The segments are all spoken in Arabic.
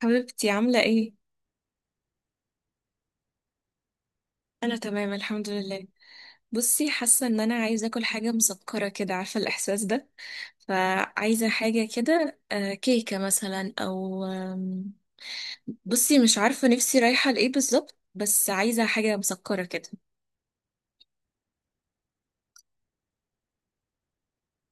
حبيبتي عاملة ايه؟ أنا تمام، الحمد لله. بصي، حاسة إن أنا عايزة أكل حاجة مسكرة كده، عارفة الإحساس ده. فعايزة حاجة كده، كيكة مثلا أو. بصي مش عارفة نفسي رايحة لإيه بالظبط، بس عايزة حاجة مسكرة كده.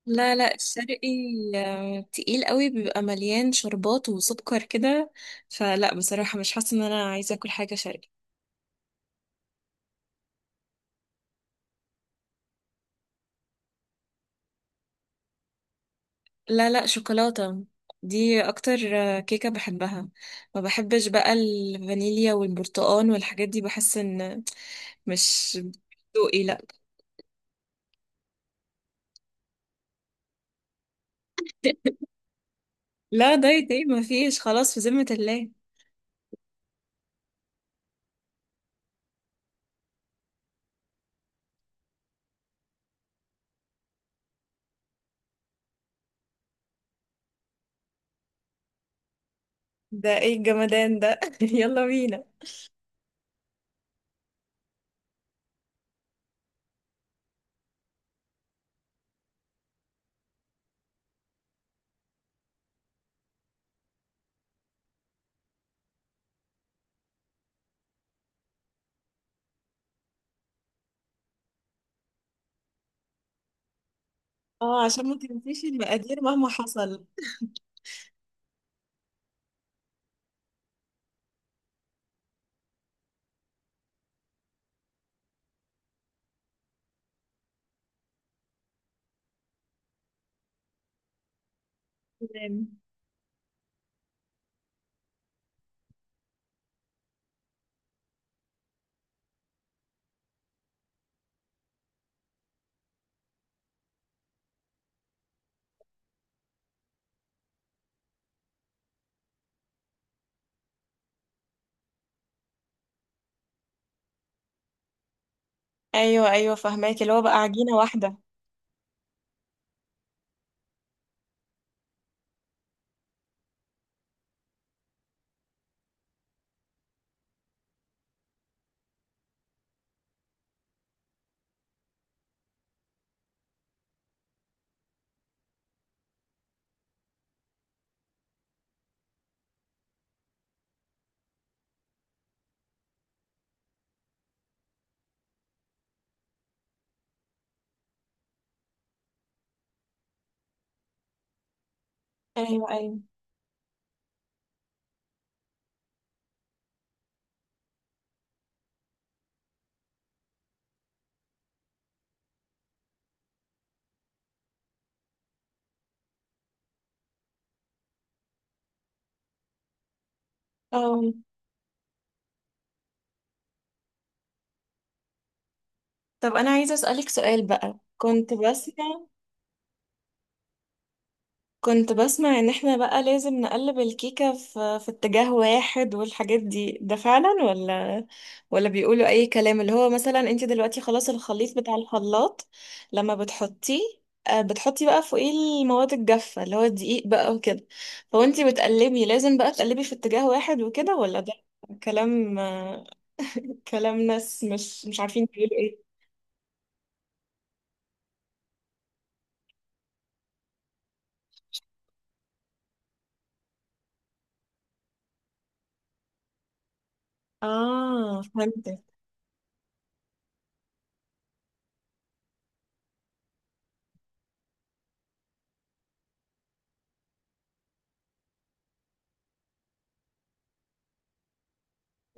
لا لا، الشرقي تقيل قوي، بيبقى مليان شربات وسكر كده، فلا بصراحة مش حاسة إن أنا عايزة أكل حاجة شرقي. لا لا، شوكولاتة. دي اكتر كيكة بحبها. ما بحبش بقى الفانيليا والبرتقال والحاجات دي، بحس ان مش ذوقي. لا. لا دايت ايه، ما فيش خلاص، في ذمة الله. ده ايه الجمدان ده؟ يلا بينا. اه، عشان ما تنسيش المقادير مهما حصل. تمام. ايوه ايوه، فهماك، اللي هو بقى عجينة واحدة. ايوه ايوه. اه، طب انا عايزة اسألك سؤال بقى. كنت بسمع ان احنا بقى لازم نقلب الكيكة في اتجاه واحد والحاجات دي، ده فعلا ولا بيقولوا اي كلام؟ اللي هو مثلا انت دلوقتي خلاص الخليط بتاع الخلاط لما بتحطيه، بتحطي بقى فوقيه المواد الجافة اللي هو الدقيق بقى وكده، فوانتي بتقلبي لازم بقى تقلبي في اتجاه واحد وكده، ولا ده كلام آه، كلام ناس مش عارفين بيقولوا ايه؟ اه، فهمتك.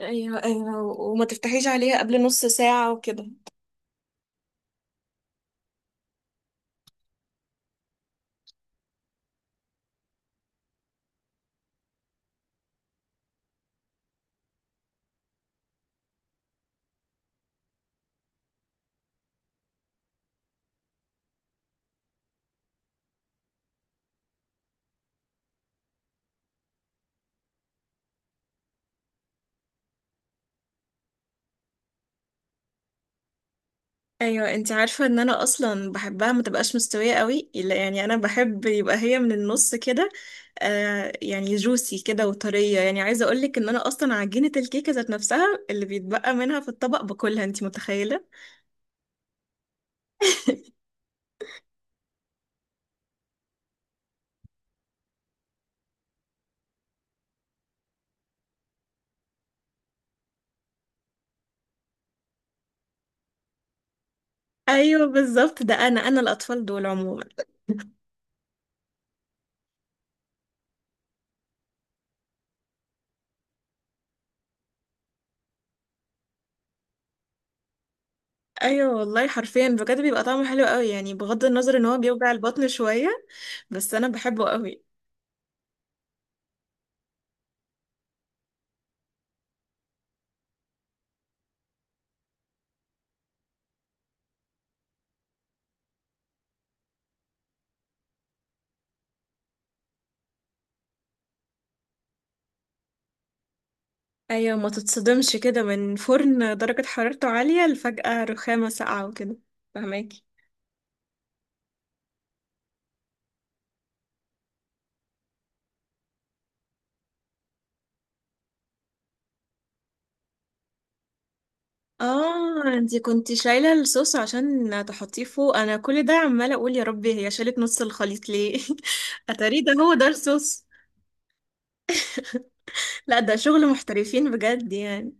ايوه ايوه، وما تفتحيش عليها قبل نص ساعة وكده. ايوه، انت عارفه ان انا اصلا بحبها ما تبقاش مستويه قوي، لا يعني انا بحب يبقى هي من النص كده، آه يعني جوسي كده وطريه. يعني عايزه اقولك ان انا اصلا عجينه الكيكه ذات نفسها اللي بيتبقى منها في الطبق باكلها، انت متخيله؟ ايوه بالظبط، ده انا الاطفال دول عموما. ايوه والله، حرفيا بجد بيبقى طعمه حلو قوي يعني، بغض النظر ان هو بيوجع البطن شويه، بس انا بحبه قوي. ايوه، ما تتصدمش كده من فرن درجه حرارته عاليه لفجأة رخامه ساقعه وكده، فهماكي. اه، انتي كنتي شايلة الصوص عشان تحطيه فوق؟ انا كل ده عمالة اقول يا ربي هي شالت نص الخليط ليه. اتاري ده هو ده الصوص. لا، ده شغل محترفين بجد يعني.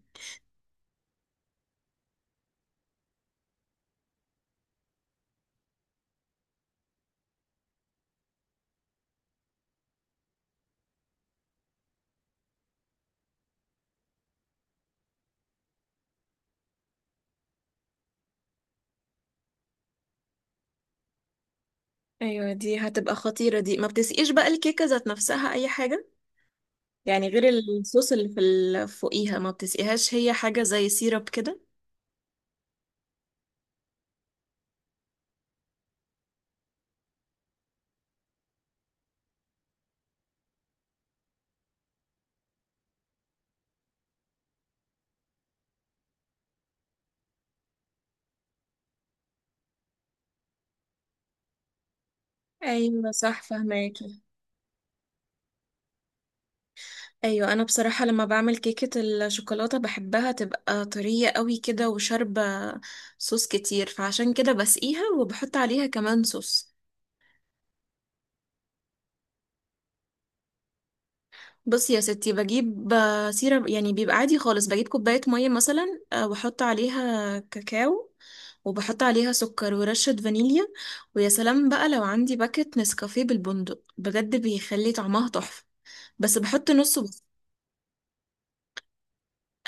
ايوه، دي هتبقى خطيرة. دي ما بتسقيش بقى الكيكة ذات نفسها اي حاجة يعني، غير الصوص اللي في فوقيها؟ ما بتسقيهاش؟ هي حاجة زي سيرب كده. ايوه صح، فهماكي. ايوه، انا بصراحه لما بعمل كيكه الشوكولاته بحبها تبقى طريه قوي كده وشاربه صوص كتير، فعشان كده بسقيها وبحط عليها كمان صوص. بصي يا ستي، بجيب سيرة يعني بيبقى عادي خالص، بجيب كوبايه ميه مثلا، واحط عليها كاكاو وبحط عليها سكر ورشة فانيليا. ويا سلام بقى لو عندي باكت نسكافيه بالبندق، بجد بيخلي طعمها تحفة. بس بحط نصه بس.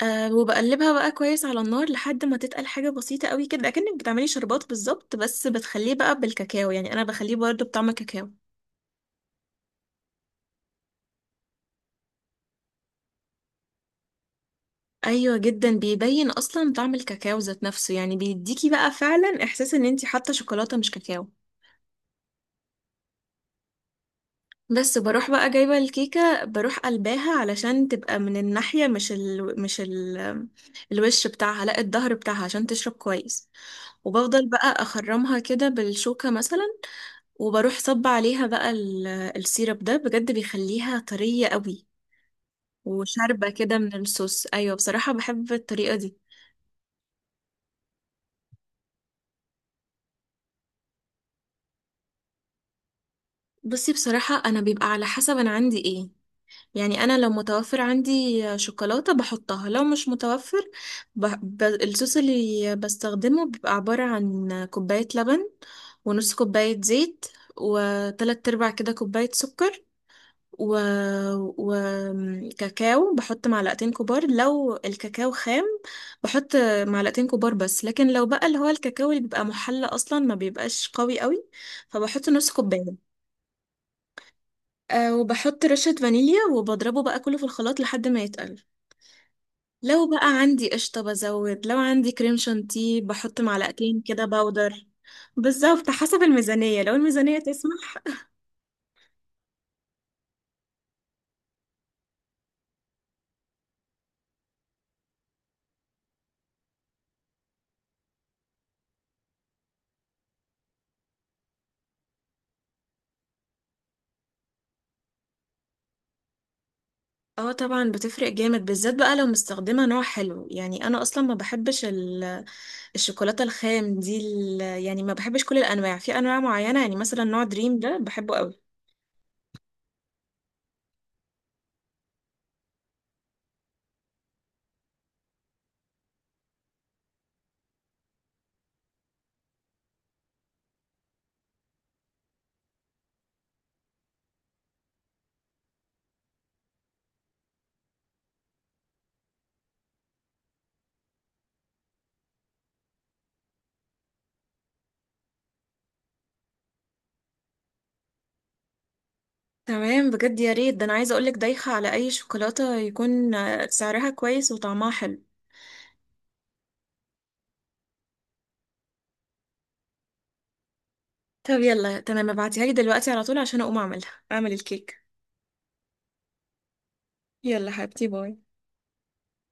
أه، وبقلبها بقى كويس على النار لحد ما تتقل حاجة بسيطة قوي كده، أكنك بتعملي شربات بالظبط، بس بتخليه بقى بالكاكاو يعني، أنا بخليه برضه بطعم الكاكاو. أيوة جدا، بيبين أصلا طعم الكاكاو ذات نفسه، يعني بيديكي بقى فعلا إحساس إن انتي حاطة شوكولاتة مش كاكاو. بس بروح بقى جايبة الكيكة، بروح قلباها علشان تبقى من الناحية مش ال... مش ال... الوش بتاعها لا الظهر بتاعها، عشان تشرب كويس. وبفضل بقى أخرمها كده بالشوكة مثلا، وبروح صب عليها بقى السيرب ده، بجد بيخليها طرية قوي وشاربة كده من الصوص. ايوه بصراحة، بحب الطريقة دي. بصي بصراحة، انا بيبقى على حسب انا عندي ايه، يعني انا لو متوفر عندي شوكولاتة بحطها، لو مش متوفر ب... الصوص اللي بستخدمه بيبقى عبارة عن كوباية لبن، ونص كوباية زيت، وتلات ارباع كده كوباية سكر، و... وكاكاو. بحط معلقتين كبار لو الكاكاو خام. بحط معلقتين كبار بس، لكن لو بقى اللي هو الكاكاو اللي بيبقى محلى اصلا ما بيبقاش قوي قوي، فبحط نص كوبايه. أه، وبحط رشة فانيليا وبضربه بقى كله في الخلاط لحد ما يتقل. لو بقى عندي قشطة بزود، لو عندي كريم شانتيه بحط معلقتين كده باودر. بالظبط، حسب الميزانية لو الميزانية تسمح. اه طبعا، بتفرق جامد بالذات بقى لو مستخدمة نوع حلو. يعني انا اصلا ما بحبش الشوكولاتة الخام دي يعني ما بحبش كل الأنواع، في أنواع معينة يعني مثلا نوع دريم ده بحبه قوي. تمام بجد، يا ريت ده. أنا عايزة أقولك دايخة على أي شوكولاتة يكون سعرها كويس وطعمها حلو. طب يلا تمام، ابعتيها لي دلوقتي على طول عشان أقوم أعملها، أعمل الكيك. يلا حبيبتي، باي.